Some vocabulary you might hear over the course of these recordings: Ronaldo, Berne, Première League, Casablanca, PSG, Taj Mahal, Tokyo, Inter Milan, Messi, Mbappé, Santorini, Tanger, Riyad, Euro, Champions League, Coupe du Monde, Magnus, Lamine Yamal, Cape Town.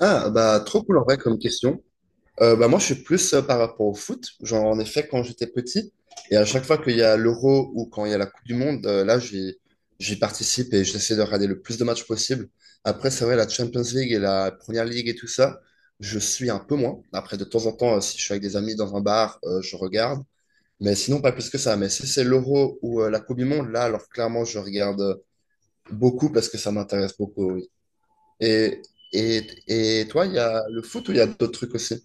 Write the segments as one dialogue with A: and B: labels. A: Ah, bah, trop cool en vrai comme question. Moi, je suis plus par rapport au foot. Genre, en effet, quand j'étais petit, et à chaque fois qu'il y a l'Euro ou quand il y a la Coupe du Monde, là, j'y participe et j'essaie de regarder le plus de matchs possible. Après, c'est vrai, la Champions League et la Première League et tout ça, je suis un peu moins. Après, de temps en temps, si je suis avec des amis dans un bar, je regarde. Mais sinon, pas plus que ça. Mais si c'est l'Euro ou la Coupe du Monde, là, alors clairement, je regarde beaucoup parce que ça m'intéresse beaucoup. Oui. Et, et, et toi, il y a le foot ou il y a d'autres trucs aussi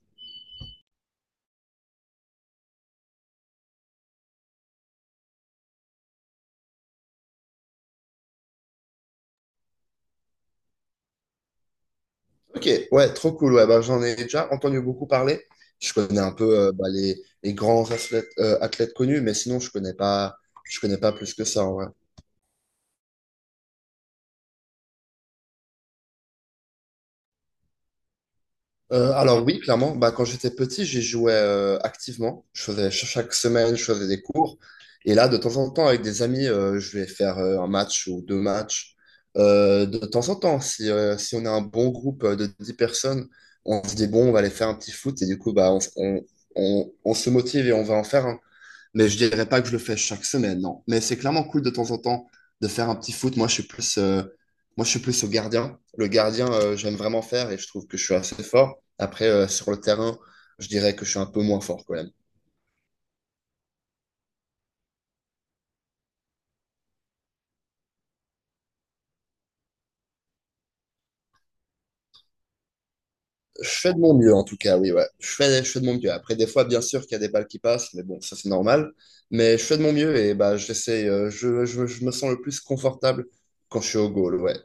A: Ok, ouais, trop cool. Ouais, bah, j'en ai déjà entendu beaucoup parler. Je connais un peu bah, les grands athlètes, athlètes connus, mais sinon, je connais pas plus que ça en vrai. Alors oui, clairement, bah, quand j'étais petit, j'y jouais activement. Je faisais chaque semaine, je faisais des cours. Et là, de temps en temps, avec des amis, je vais faire un match ou deux matchs. De temps en temps, si, si on a un bon groupe de 10 personnes, on se dit, bon, on va aller faire un petit foot. Et du coup, bah, on se motive et on va en faire un. Mais je dirais pas que je le fais chaque semaine, non. Mais c'est clairement cool de temps en temps de faire un petit foot. Moi, je suis plus au gardien. Le gardien, j'aime vraiment faire et je trouve que je suis assez fort. Après, sur le terrain, je dirais que je suis un peu moins fort quand même. Je fais de mon mieux, en tout cas, oui, ouais. Je fais de mon mieux. Après, des fois, bien sûr qu'il y a des balles qui passent, mais bon, ça, c'est normal. Mais je fais de mon mieux et bah, j'essaie, je me sens le plus confortable quand je suis au goal, ouais.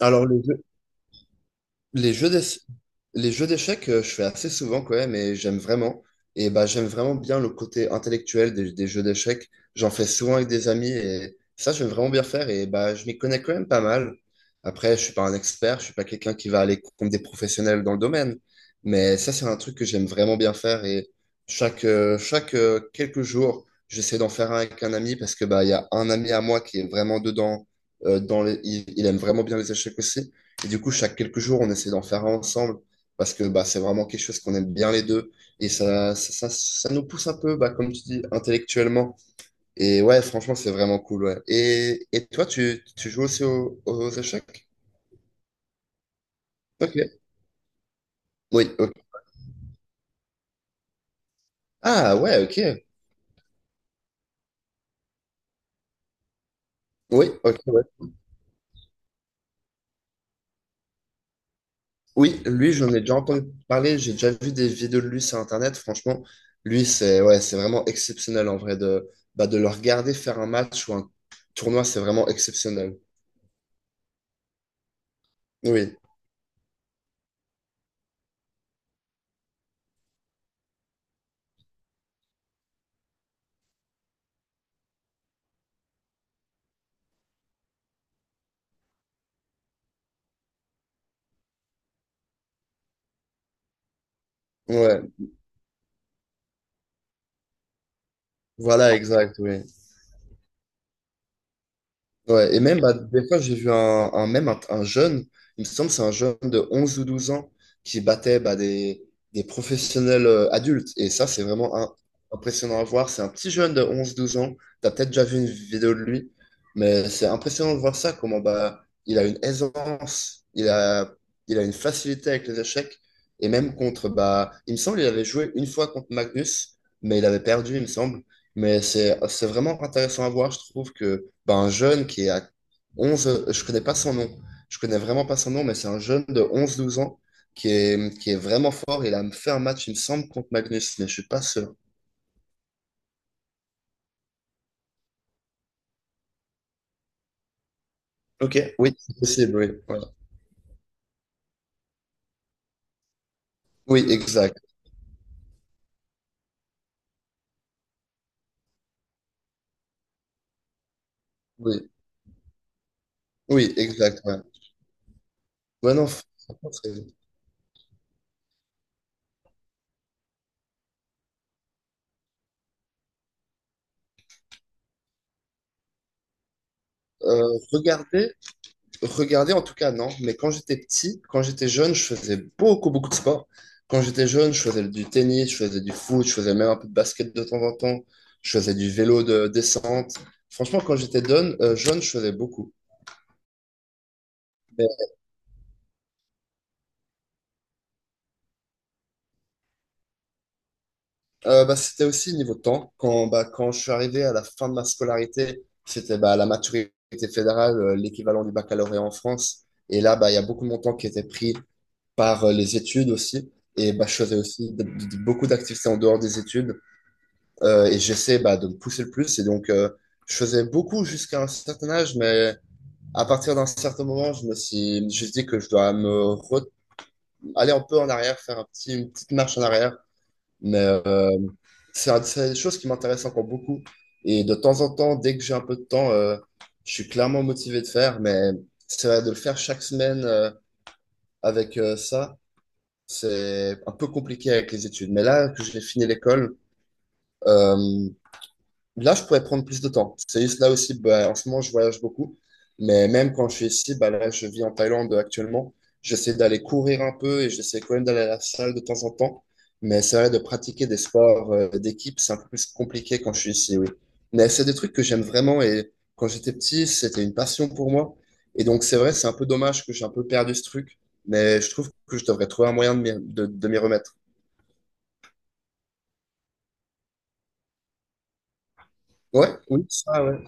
A: Alors, Les jeux d'ess- les jeux d'échecs, je fais assez souvent quand même et j'aime vraiment. Et bah, j'aime vraiment bien le côté intellectuel des jeux d'échecs. J'en fais souvent avec des amis et ça, j'aime vraiment bien faire. Et bah, je m'y connais quand même pas mal. Après, je suis pas un expert, je suis pas quelqu'un qui va aller contre des professionnels dans le domaine. Mais ça, c'est un truc que j'aime vraiment bien faire. Et chaque quelques jours, j'essaie d'en faire un avec un ami parce que bah, il y a un ami à moi qui est vraiment dedans. Il aime vraiment bien les échecs aussi. Et du coup, chaque quelques jours, on essaie d'en faire un ensemble parce que bah, c'est vraiment quelque chose qu'on aime bien les deux. Et ça nous pousse un peu, bah, comme tu dis, intellectuellement. Et ouais, franchement, c'est vraiment cool. Ouais. Et toi, tu joues aussi aux échecs? Ok. Oui, ok. Ah ouais, ok. Oui, ok, ouais. Oui, lui, j'en ai déjà entendu parler. J'ai déjà vu des vidéos de lui sur Internet. Franchement, lui, c'est ouais, c'est vraiment exceptionnel en vrai de, bah, de le regarder faire un match ou un tournoi, c'est vraiment exceptionnel. Oui, ouais. Voilà, exact, oui. Ouais, et même, bah, des fois, j'ai vu un jeune, il me semble que c'est un jeune de 11 ou 12 ans qui battait bah, des professionnels adultes. Et ça, c'est vraiment impressionnant à voir. C'est un petit jeune de onze douze ans. Tu as peut-être déjà vu une vidéo de lui, mais c'est impressionnant de voir ça, comment bah, il a une facilité avec les échecs. Et même contre, bah, il me semble qu'il avait joué une fois contre Magnus, mais il avait perdu, il me semble. Mais c'est vraiment intéressant à voir, je trouve que bah, un jeune qui est à 11. Je connais pas son nom, je connais vraiment pas son nom, mais c'est un jeune de onze, douze ans qui est vraiment fort. Il a fait un match, il me semble, contre Magnus, mais je suis pas sûr. Ok. Oui, c'est possible, oui. Voilà. Oui, exact. Oui, oui, exact. Ouais, ouais, non, franchement, euh, regardez, Regarder, en tout cas, non. Mais quand j'étais petit, quand j'étais jeune, je faisais beaucoup, beaucoup de sport. Quand j'étais jeune, je faisais du tennis, je faisais du foot, je faisais même un peu de basket de temps en temps. Je faisais du vélo de descente. Franchement, quand j'étais jeune, jeune, je faisais beaucoup. Mais, Bah, c'était aussi niveau temps. Quand, bah, quand je suis arrivé à la fin de ma scolarité, c'était bah, la maturité fédérale, l'équivalent du baccalauréat en France. Et là, bah, il y a beaucoup de mon temps qui était pris par les études aussi. Et bah, je faisais aussi beaucoup d'activités en dehors des études. Et j'essaie bah, de me pousser le plus. Et donc, je faisais beaucoup jusqu'à un certain âge, mais à partir d'un certain moment, je me suis dit que je dois aller un peu en arrière, faire une petite marche en arrière. Mais c'est c'est des choses qui m'intéressent encore beaucoup. Et de temps en temps, dès que j'ai un peu de temps, je suis clairement motivé de faire. Mais c'est vrai, de le faire chaque semaine avec euh, ça, c'est un peu compliqué avec les études. Mais là que j'ai fini l'école, euh, là, je pourrais prendre plus de temps. C'est juste là aussi, bah, en ce moment, je voyage beaucoup. Mais même quand je suis ici, bah, là, je vis en Thaïlande actuellement. J'essaie d'aller courir un peu et j'essaie quand même d'aller à la salle de temps en temps. Mais c'est vrai, de pratiquer des sports d'équipe, c'est un peu plus compliqué quand je suis ici, oui. Mais c'est des trucs que j'aime vraiment et quand j'étais petit, c'était une passion pour moi. Et donc, c'est vrai, c'est un peu dommage que j'ai un peu perdu ce truc. Mais je trouve que je devrais trouver un moyen de de m'y remettre. Ouais, oui, ça, ouais.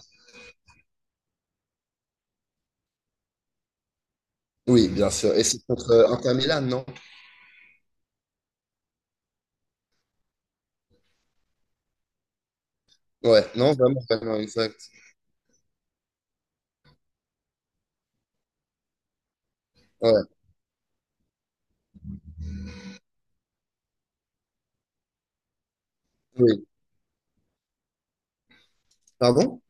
A: Oui, bien sûr. Et c'est contre Inter Milan, non? Ouais, non, vraiment, vraiment, exact. Ouais, oui. Pardon?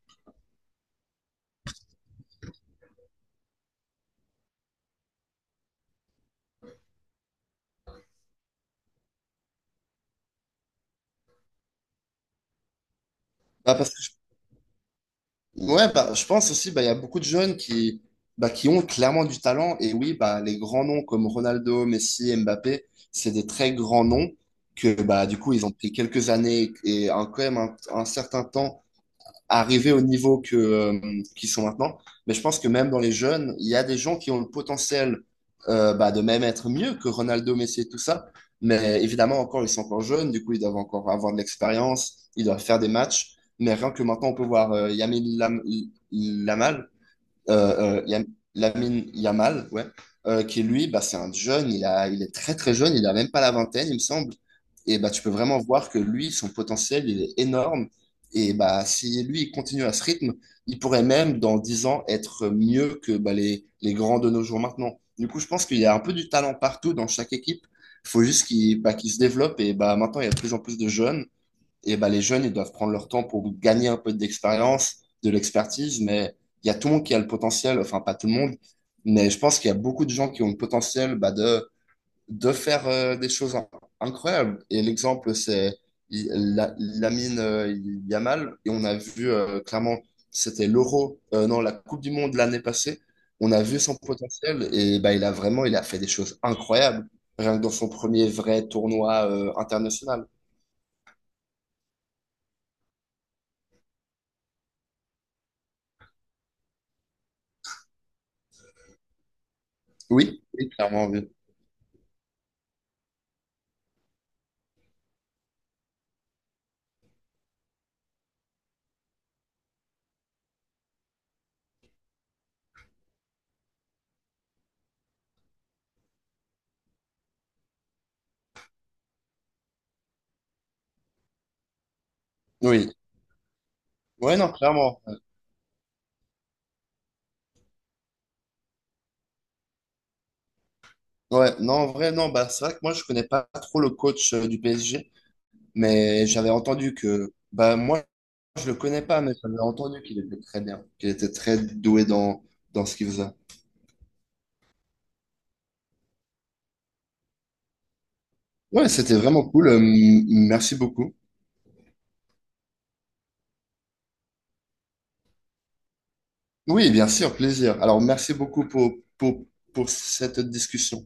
A: Bah, parce que je, ouais, bah, je pense aussi, bah, il y a beaucoup de jeunes qui, bah, qui ont clairement du talent. Et oui, bah, les grands noms comme Ronaldo, Messi, Mbappé, c'est des très grands noms que, bah, du coup, ils ont pris quelques années et un, quand même un certain temps arriver au niveau que, qu'ils sont maintenant. Mais je pense que même dans les jeunes, il y a des gens qui ont le potentiel bah, de même être mieux que Ronaldo, Messi et tout ça. Mais évidemment, encore, ils sont encore jeunes, du coup, ils doivent encore avoir de l'expérience, ils doivent faire des matchs. Mais rien que maintenant, on peut voir Lamal euh, euh, Yam- Lamine Yamal, ouais, qui lui, bah, c'est un jeune, il est très très jeune, il a même pas la vingtaine, il me semble. Et bah, tu peux vraiment voir que lui, son potentiel, il est énorme. Et bah, si lui, il continue à ce rythme, il pourrait même, dans 10 ans, être mieux que bah, les grands de nos jours maintenant. Du coup, je pense qu'il y a un peu du talent partout dans chaque équipe. Il faut juste qu'il se développe. Et bah, maintenant, il y a de plus en plus de jeunes et ben, les jeunes, ils doivent prendre leur temps pour gagner un peu d'expérience, de l'expertise, mais il y a tout le monde qui a le potentiel, enfin pas tout le monde, mais je pense qu'il y a beaucoup de gens qui ont le potentiel bah, de faire des choses incroyables. Et l'exemple, c'est il- Lamine Yamal, et on a vu clairement, c'était l'Euro, non, la Coupe du Monde l'année passée, on a vu son potentiel, et bah, il a fait des choses incroyables, rien que dans son premier vrai tournoi international. Oui, oui, clairement, oui. Oui. Ouais, non, clairement. Ouais, non, en vrai, non, bah, c'est vrai que moi, je connais pas trop le coach du PSG, mais j'avais entendu que, bah, moi, je le connais pas, mais j'avais entendu qu'il était très bien, qu'il était très doué dans, dans ce qu'il faisait. Ouais, c'était vraiment cool. Merci beaucoup. Oui, bien sûr, plaisir. Alors, merci beaucoup pour, pour cette discussion.